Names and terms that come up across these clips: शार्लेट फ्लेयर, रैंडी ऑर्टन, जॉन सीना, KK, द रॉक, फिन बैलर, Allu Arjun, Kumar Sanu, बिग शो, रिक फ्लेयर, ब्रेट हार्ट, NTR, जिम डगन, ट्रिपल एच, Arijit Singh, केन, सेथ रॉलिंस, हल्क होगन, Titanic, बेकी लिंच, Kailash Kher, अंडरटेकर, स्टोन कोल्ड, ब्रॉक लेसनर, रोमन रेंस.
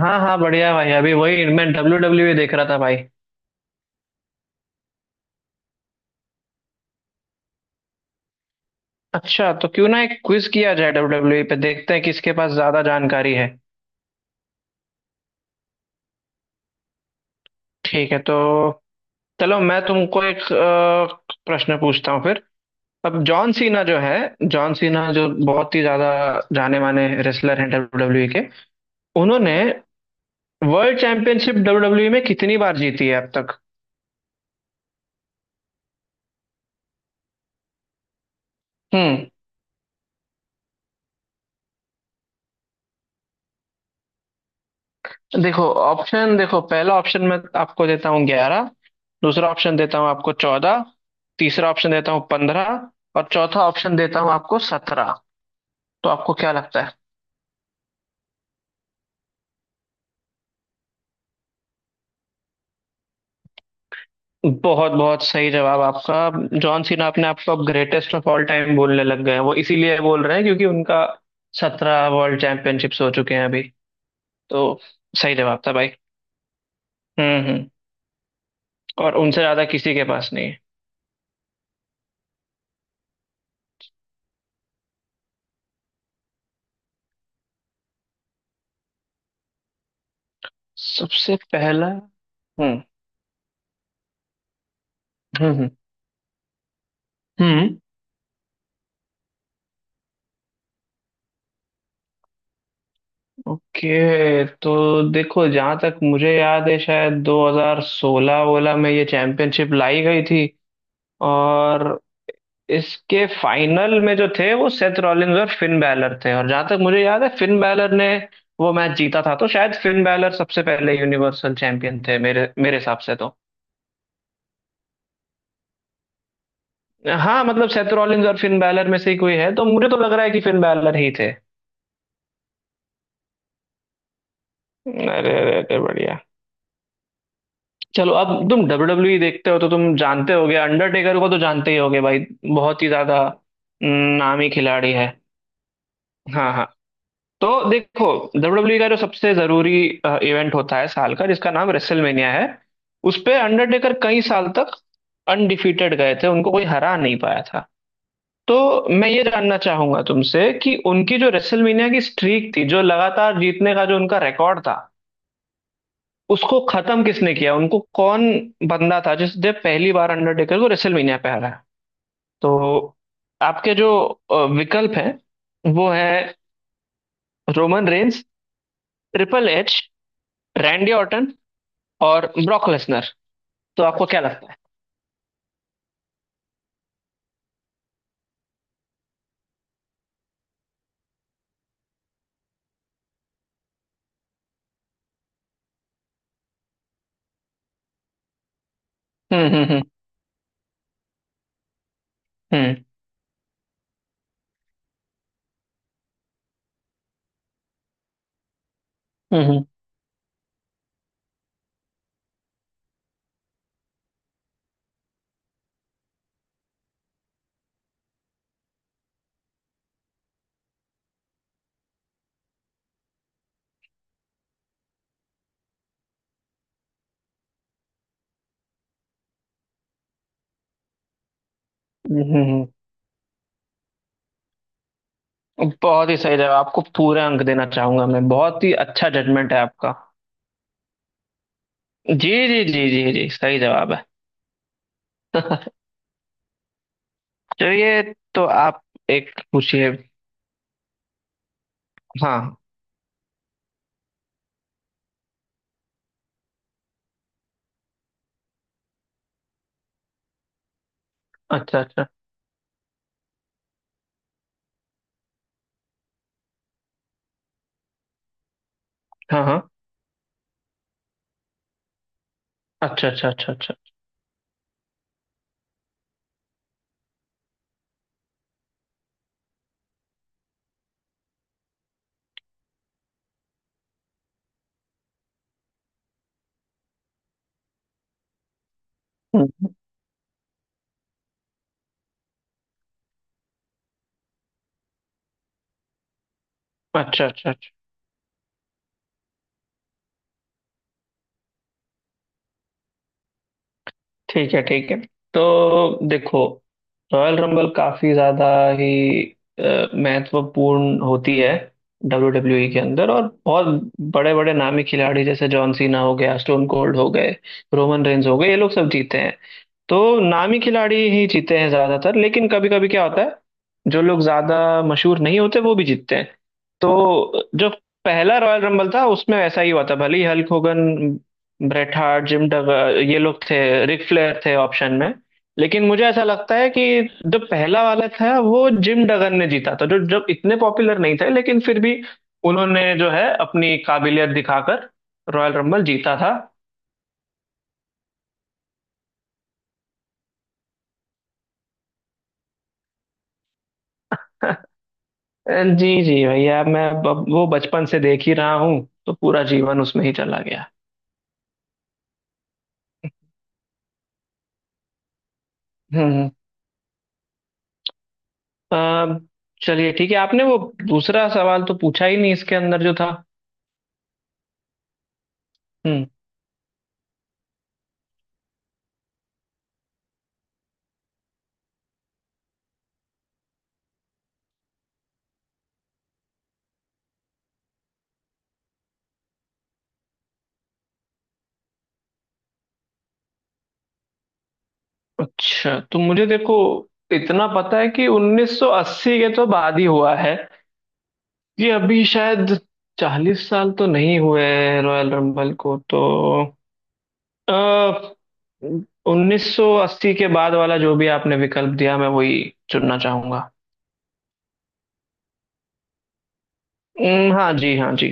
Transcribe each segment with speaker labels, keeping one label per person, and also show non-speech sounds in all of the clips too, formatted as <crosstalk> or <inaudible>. Speaker 1: हाँ हाँ बढ़िया भाई, अभी वही मैं डब्ल्यू डब्ल्यू देख रहा था भाई। अच्छा, तो क्यों ना एक क्विज किया जाए डब्ल्यू डब्ल्यू पे, देखते हैं किसके पास ज्यादा जानकारी है। ठीक है तो चलो मैं तुमको एक प्रश्न पूछता हूँ फिर। अब जॉन सीना जो है जॉन सीना जो बहुत ही ज्यादा जाने माने रेसलर हैं डब्ल्यू डब्ल्यू के, उन्होंने वर्ल्ड चैंपियनशिप डब्ल्यू डब्ल्यू में कितनी बार जीती है अब तक। हम्म। देखो ऑप्शन देखो, पहला ऑप्शन मैं आपको देता हूँ 11। दूसरा ऑप्शन देता हूँ आपको 14। तीसरा ऑप्शन देता हूँ 15। और चौथा ऑप्शन देता हूँ आपको 17। तो आपको क्या लगता है। बहुत बहुत सही जवाब आपका। जॉन सीना अपने आप को अब ग्रेटेस्ट ऑफ ऑल टाइम बोलने लग गए हैं, वो इसीलिए बोल रहे हैं क्योंकि उनका 17 वर्ल्ड चैंपियनशिप्स हो चुके हैं अभी। तो सही जवाब था भाई। हम्म। और उनसे ज्यादा किसी के पास नहीं है। सबसे पहला। हम्म। हम्म। हम्म। ओके तो देखो, जहां तक मुझे याद है शायद 2016 वोला में ये चैंपियनशिप लाई गई थी, और इसके फाइनल में जो थे वो सेथ रॉलिंस और फिन बैलर थे, और जहां तक मुझे याद है फिन बैलर ने वो मैच जीता था, तो शायद फिन बैलर सबसे पहले यूनिवर्सल चैंपियन थे मेरे मेरे हिसाब से तो। हाँ मतलब सेथ रॉलिंस और फिन बैलर में से ही कोई है, तो मुझे तो लग रहा है कि फिन बैलर ही थे। अरे अरे अरे बढ़िया। चलो अब तुम डब्ल्यू डब्ल्यू देखते हो तो तुम जानते होगे, अंडरटेकर को तो जानते ही होगे भाई, बहुत ही ज्यादा। नामी खिलाड़ी है। हाँ हाँ। तो देखो, डब्ल्यू डब्ल्यू का जो सबसे जरूरी इवेंट होता है साल का जिसका नाम रेसलमेनिया है, उस पे अंडरटेकर कई साल तक अनडिफीटेड गए थे, उनको कोई हरा नहीं पाया था। तो मैं ये जानना चाहूंगा तुमसे कि उनकी जो रेसलमेनिया की स्ट्रीक थी, जो लगातार जीतने का जो उनका रिकॉर्ड था, उसको खत्म किसने किया, उनको कौन बंदा था जिसने पहली बार अंडरटेकर को रेसलमेनिया पे हराया। तो आपके जो विकल्प हैं वो है रोमन रेंस, ट्रिपल एच, रैंडी ऑर्टन और ब्रॉक लेसनर। तो आपको क्या लगता है। हम्म हम्म हम्म हम्म हम्म हम्म, हम्म। बहुत ही सही जवाब। आपको पूरे अंक देना चाहूंगा मैं, बहुत ही अच्छा जजमेंट है आपका। जी जी जी जी जी सही जवाब है। <laughs> चलिए। तो आप एक पूछिए। हाँ। अच्छा अच्छा। हाँ हाँ। अच्छा अच्छा अच्छा अच्छा। हम्म। अच्छा अच्छा अच्छा। ठीक है ठीक है। तो देखो, रॉयल रंबल काफी ज्यादा ही महत्वपूर्ण होती है डब्ल्यू डब्ल्यू ई के अंदर, और बहुत बड़े बड़े नामी खिलाड़ी जैसे जॉन सीना हो गया, स्टोन कोल्ड हो गए, रोमन रेंज हो गए, ये लोग सब जीते हैं। तो नामी खिलाड़ी ही जीते हैं ज्यादातर, लेकिन कभी कभी क्या होता है, जो लोग ज्यादा मशहूर नहीं होते वो भी जीतते हैं। तो जो पहला रॉयल रंबल था उसमें ऐसा ही हुआ था। भले ही हल्क होगन, ब्रेट हार्ट, Jim Duggan, ये लोग थे, रिक फ्लेयर थे ऑप्शन में, लेकिन मुझे ऐसा लगता है कि जो पहला वाला था वो जिम डगन ने जीता था, जो जब इतने पॉपुलर नहीं थे, लेकिन फिर भी उन्होंने जो है अपनी काबिलियत दिखाकर रॉयल रंबल जीता था। <laughs> जी जी भैया, मैं वो बचपन से देख ही रहा हूँ, तो पूरा जीवन उसमें ही चला गया। हम्म। अ, चलिए ठीक है, आपने वो दूसरा सवाल तो पूछा ही नहीं इसके अंदर जो था। हम्म। अच्छा तो मुझे देखो, इतना पता है कि 1980 के तो बाद ही हुआ है। ये अभी शायद 40 साल तो नहीं हुए हैं रॉयल रंबल को तो। अ 1980 के बाद वाला जो भी आपने विकल्प दिया, मैं वही चुनना चाहूंगा। हाँ जी हाँ जी।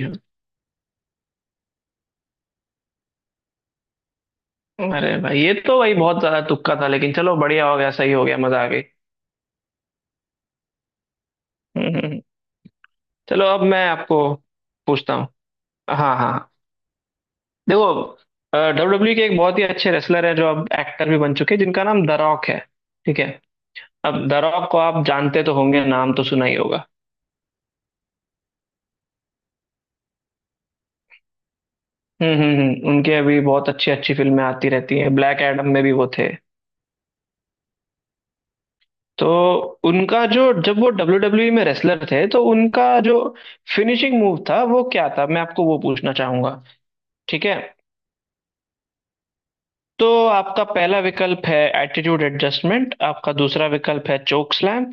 Speaker 1: अरे भाई ये तो भाई बहुत ज्यादा तुक्का था, लेकिन चलो बढ़िया हो गया, सही हो गया, मजा आ गई। हम्म, हम्म। चलो अब मैं आपको पूछता हूँ। हाँ हाँ हाँ। देखो, डब्ल्यू डब्ल्यू के एक बहुत ही अच्छे रेसलर हैं जो अब एक्टर भी बन चुके हैं, जिनका नाम द रॉक है। ठीक है। अब द रॉक को आप जानते तो होंगे, नाम तो सुना ही होगा। उनके अभी बहुत अच्छी अच्छी फिल्में आती रहती हैं, ब्लैक एडम में भी वो थे। तो उनका जो जब वो डब्ल्यू डब्ल्यू में रेसलर थे, तो उनका जो फिनिशिंग मूव था वो क्या था, मैं आपको वो पूछना चाहूंगा। ठीक है। तो आपका पहला विकल्प है एटीट्यूड एडजस्टमेंट, आपका दूसरा विकल्प है चोक स्लैम,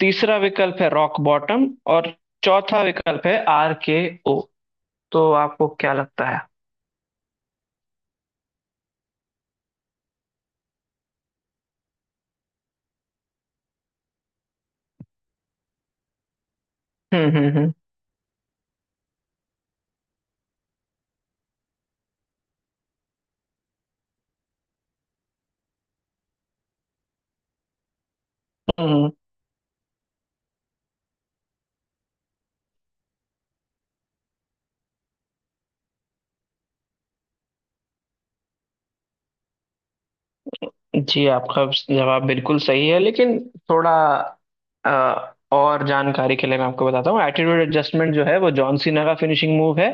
Speaker 1: तीसरा विकल्प है रॉक बॉटम, और चौथा विकल्प है आर के ओ। तो आपको क्या लगता है। हम्म हम्म हम्म हम्म, जी आपका जवाब बिल्कुल सही है, लेकिन थोड़ा और जानकारी के लिए मैं आपको बताता हूँ। एटीट्यूड एडजस्टमेंट जो है वो जॉन सीना का फिनिशिंग मूव है।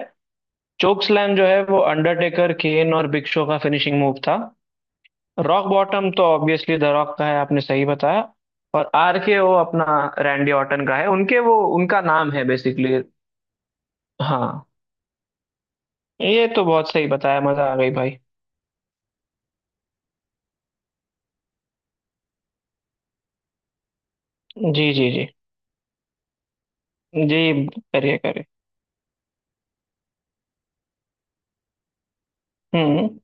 Speaker 1: चोक स्लैम जो है वो अंडरटेकर, केन और बिग शो का फिनिशिंग मूव था। रॉक बॉटम तो ऑब्वियसली द रॉक का है, आपने सही बताया। और आर के ओ अपना रैंडी ऑर्टन का है, उनके वो उनका नाम है बेसिकली। हाँ। ये तो बहुत सही बताया, मजा आ गई भाई। जी जी जी जी। करिए करिए। हम्म।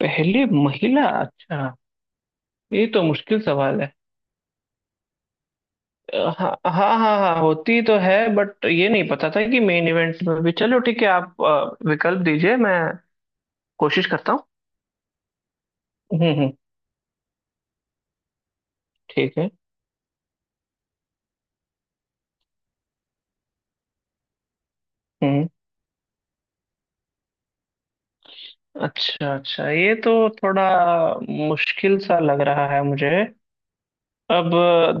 Speaker 1: पहली महिला, अच्छा। ये तो मुश्किल सवाल है। हाँ हाँ हाँ हाँ, होती तो है बट ये नहीं पता था कि मेन इवेंट्स में भी। चलो ठीक है, आप विकल्प दीजिए, मैं कोशिश करता हूँ। हम्म। ठीक है। हम्म। अच्छा अच्छा, ये तो थोड़ा मुश्किल सा लग रहा है मुझे। अब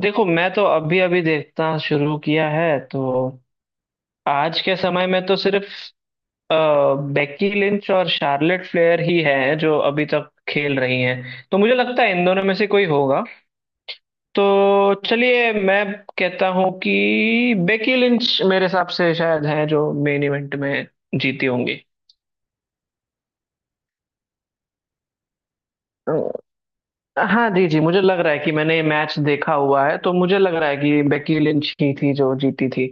Speaker 1: देखो, मैं तो अभी अभी देखना शुरू किया है, तो आज के समय में तो सिर्फ बेकी लिंच और शार्लेट फ्लेयर ही हैं जो अभी तक खेल रही हैं, तो मुझे लगता है इन दोनों में से कोई होगा। तो चलिए मैं कहता हूँ कि बेकी लिंच मेरे हिसाब से शायद हैं जो मेन इवेंट में जीती होंगी। हाँ जी जी, मुझे लग रहा है कि मैंने ये मैच देखा हुआ है, तो मुझे लग रहा है कि बेकी लिंच ही थी जो जीती थी।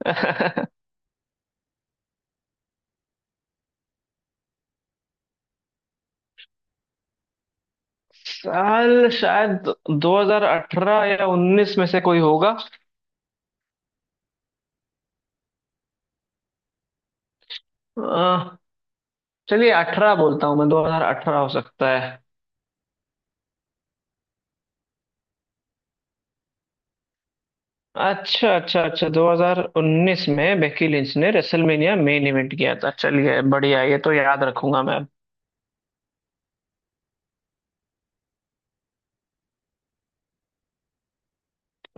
Speaker 1: <laughs> साल शायद 2018 या 19 में से कोई होगा। अह, चलिए 18 बोलता हूँ, मैं 2018 हो सकता है। अच्छा अच्छा अच्छा, 2019 में बेकी लिंच ने रेसलमेनिया मेन इवेंट किया था, चलिए बढ़िया, ये तो याद रखूंगा मैं।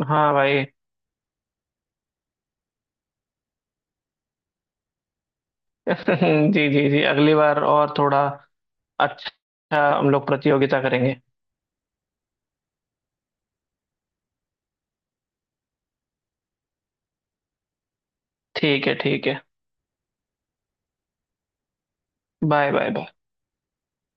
Speaker 1: हाँ भाई। <laughs> जी जी जी, अगली बार और थोड़ा अच्छा हम लोग प्रतियोगिता करेंगे। ठीक है ठीक है। Bye bye bye.